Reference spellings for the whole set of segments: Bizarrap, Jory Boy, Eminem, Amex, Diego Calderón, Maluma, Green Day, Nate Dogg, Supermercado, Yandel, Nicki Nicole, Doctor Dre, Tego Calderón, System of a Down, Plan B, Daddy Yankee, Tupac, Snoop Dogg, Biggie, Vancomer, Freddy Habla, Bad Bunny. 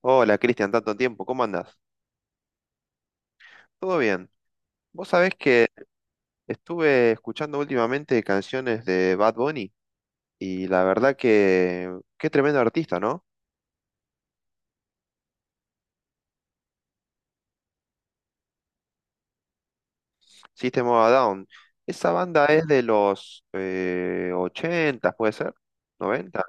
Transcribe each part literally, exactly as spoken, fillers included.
Hola Cristian, tanto tiempo, ¿cómo andás? ¿Todo bien? Vos sabés que estuve escuchando últimamente canciones de Bad Bunny y la verdad que qué tremendo artista, ¿no? System of a Down. Esa banda es de los eh, ochenta, puede ser, noventa.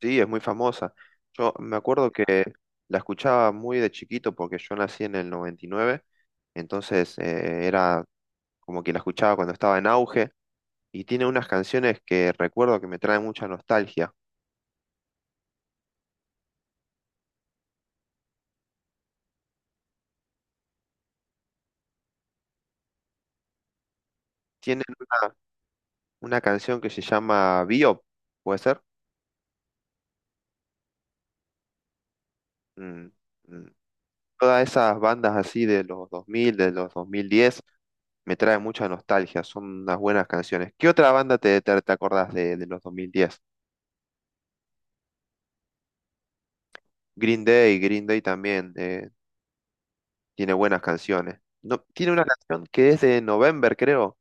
Sí, es muy famosa. Yo me acuerdo que la escuchaba muy de chiquito porque yo nací en el noventa y nueve, entonces eh, era como que la escuchaba cuando estaba en auge. Y tiene unas canciones que recuerdo que me traen mucha nostalgia. Tienen una, una canción que se llama Biop, ¿puede ser? Mm, mm. Todas esas bandas así de los dos mil, de los dos mil diez, me traen mucha nostalgia, son unas buenas canciones. ¿Qué otra banda te, te, te acordás de, de los dos mil diez? Green Day, Green Day también eh, tiene buenas canciones. No, tiene una canción que es de November, creo.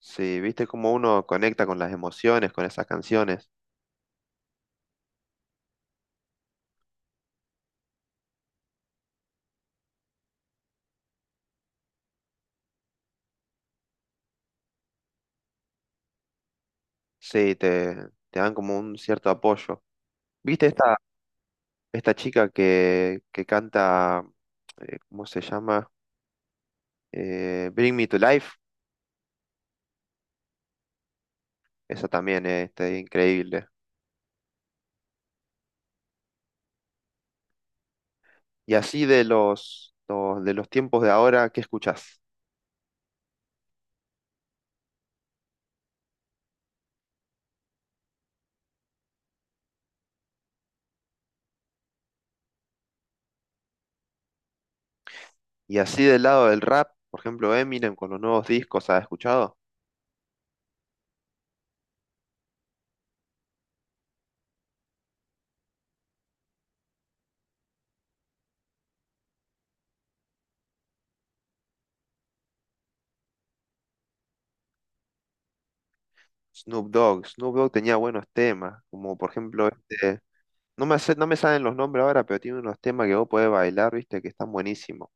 Sí, viste cómo uno conecta con las emociones, con esas canciones. Sí, te, te dan como un cierto apoyo. ¿Viste esta, esta chica que, que canta, eh, cómo se llama? Eh, Bring Me to Life. Esa también es está increíble. Y así de los, los- de los tiempos de ahora, ¿qué escuchás? Y así del lado del rap, por ejemplo, Eminem con los nuevos discos, ¿has escuchado? Snoop Dogg. Snoop Dogg tenía buenos temas, como por ejemplo este... No me, sé- no me salen los nombres ahora, pero tiene unos temas que vos podés bailar, ¿viste? Que están buenísimos.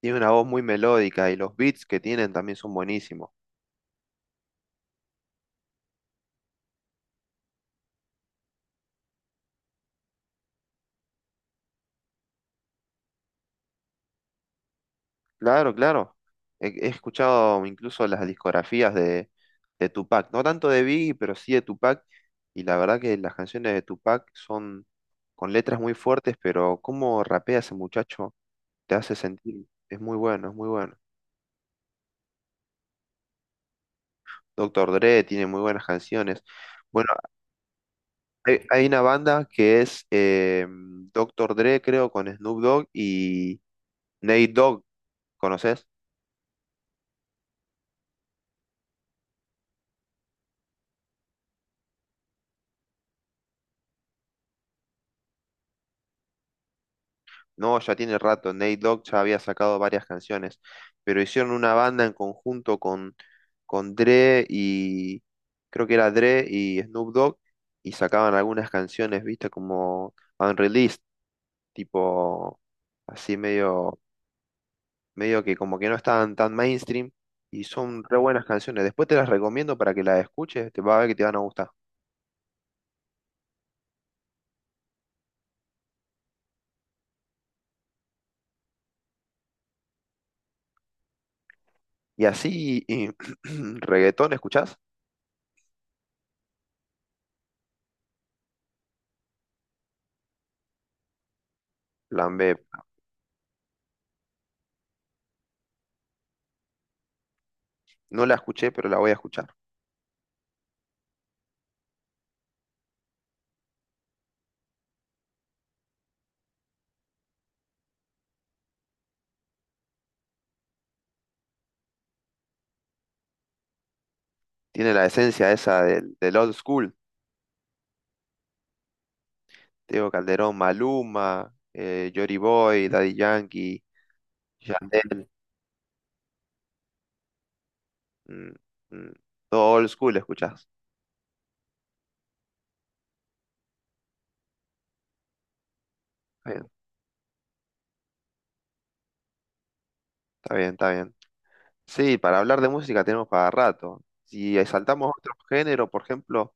Tiene una voz muy melódica y los beats que tienen también son buenísimos. Claro, claro. He, he escuchado incluso las discografías de, de Tupac, no tanto de Biggie, pero sí de Tupac. Y la verdad que las canciones de Tupac son con letras muy fuertes, pero cómo rapea ese muchacho te hace sentir. Es muy bueno, es muy bueno. Doctor Dre tiene muy buenas canciones. Bueno, hay, hay una banda que es eh, Doctor Dre, creo, con Snoop Dogg y Nate Dogg. ¿Conoces? No, ya tiene rato. Nate Dogg ya había sacado varias canciones, pero hicieron una banda en conjunto con, con Dre y creo que era Dre y Snoop Dogg y sacaban algunas canciones, viste, como unreleased, tipo así medio, medio que como que no estaban tan mainstream y son re buenas canciones. Después te las recomiendo para que las escuches, te va a ver que te van a gustar. Y así, y, reggaetón, ¿escuchás? Plan B. No la escuché, pero la voy a escuchar. Tiene la esencia esa del, del old school. Diego Calderón, Maluma, eh, Jory Boy, Daddy Yankee, Yandel. Mm, mm, todo old school escuchás. Está bien, está bien, está bien. Sí, para hablar de música tenemos para rato. Si saltamos a otro género, por ejemplo,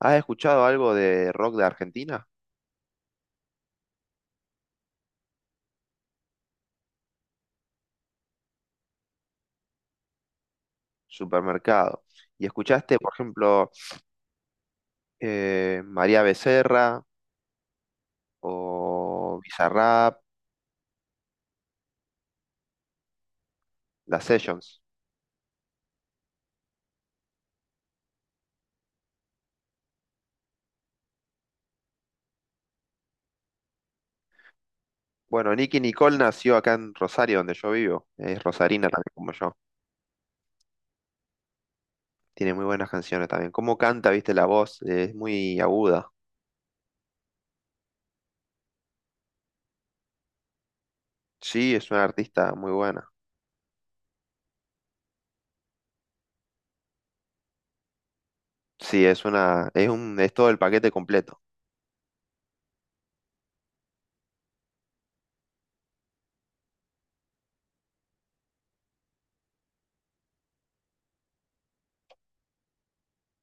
¿has escuchado algo de rock de Argentina? Supermercado. ¿Y escuchaste, por ejemplo, eh, María Becerra o Bizarrap, las Sessions? Bueno, Nicki Nicole nació acá en Rosario, donde yo vivo. Es rosarina también, como yo. Tiene muy buenas canciones también. Cómo canta, viste, la voz, eh, es muy aguda. Sí, es una artista muy buena. Sí, es una, es un, es todo el paquete completo.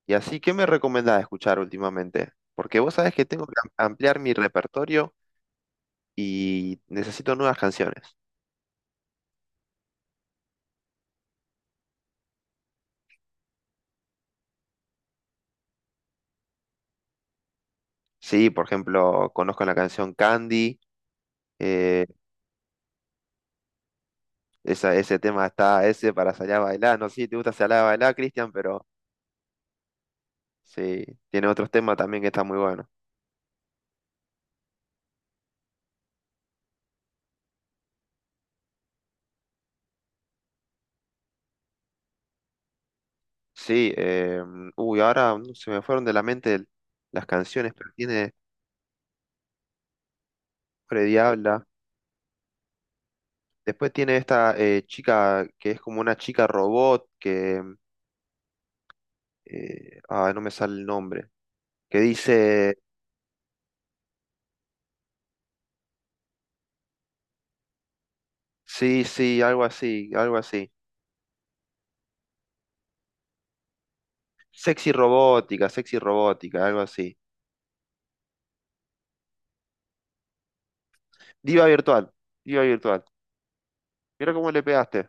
Y así, ¿qué me recomendás escuchar últimamente? Porque vos sabés que tengo que am- ampliar mi repertorio y necesito nuevas canciones. Sí, por ejemplo, conozco la canción Candy. eh, esa, ese tema está, ese para salir a bailar. No sé si te gusta salir a bailar, Cristian, pero sí, tiene otros temas también que están muy buenos. Sí, eh, uy, ahora mm, se me fueron de la mente el- las canciones, pero tiene Freddy Habla. Después tiene esta eh, chica que es como una chica robot que. Mm, eh, ah, no me sale el nombre. Que dice. Sí, sí, algo así, algo así. Sexy robótica, sexy robótica, algo así. Diva virtual, diva virtual. Mira cómo le pegaste.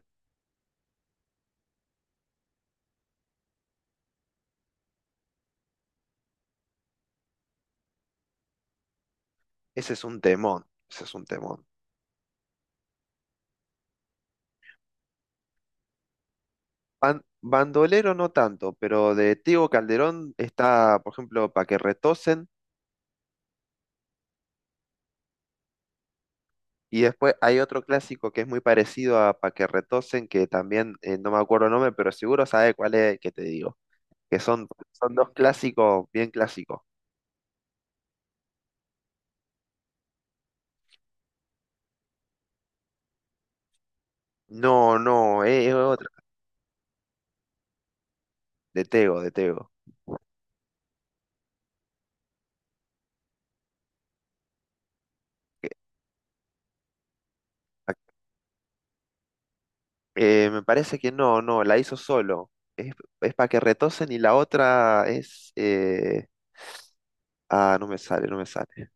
Ese es un temón, ese es un temón. Ban- bandolero no tanto, pero de Tego Calderón está, por ejemplo, Pa' que retosen. Y después hay otro clásico que es muy parecido a Pa' que retosen, que también eh, no me acuerdo el nombre, pero seguro sabe cuál es el que te digo. Que son, son dos clásicos, bien clásicos. No, no, eh, es otro. De Tego, de Tego. Que- pa- eh, me parece que no, no, la hizo solo. Es, es para que retosen y la otra es... eh, ah, no me sale, no me sale.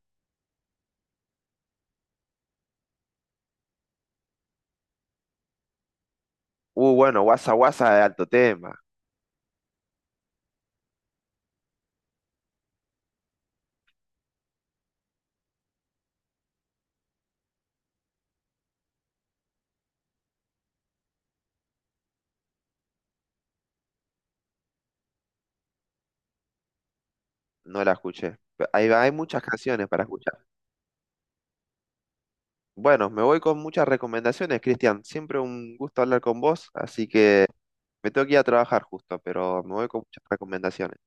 Uh, bueno, Guasa Guasa de alto tema. No la escuché. Pe- Hay, hay muchas canciones para escuchar. Bueno, me voy con muchas recomendaciones, Cristian. Siempre un gusto hablar con vos, así que me tengo que ir a trabajar justo, pero me voy con muchas recomendaciones.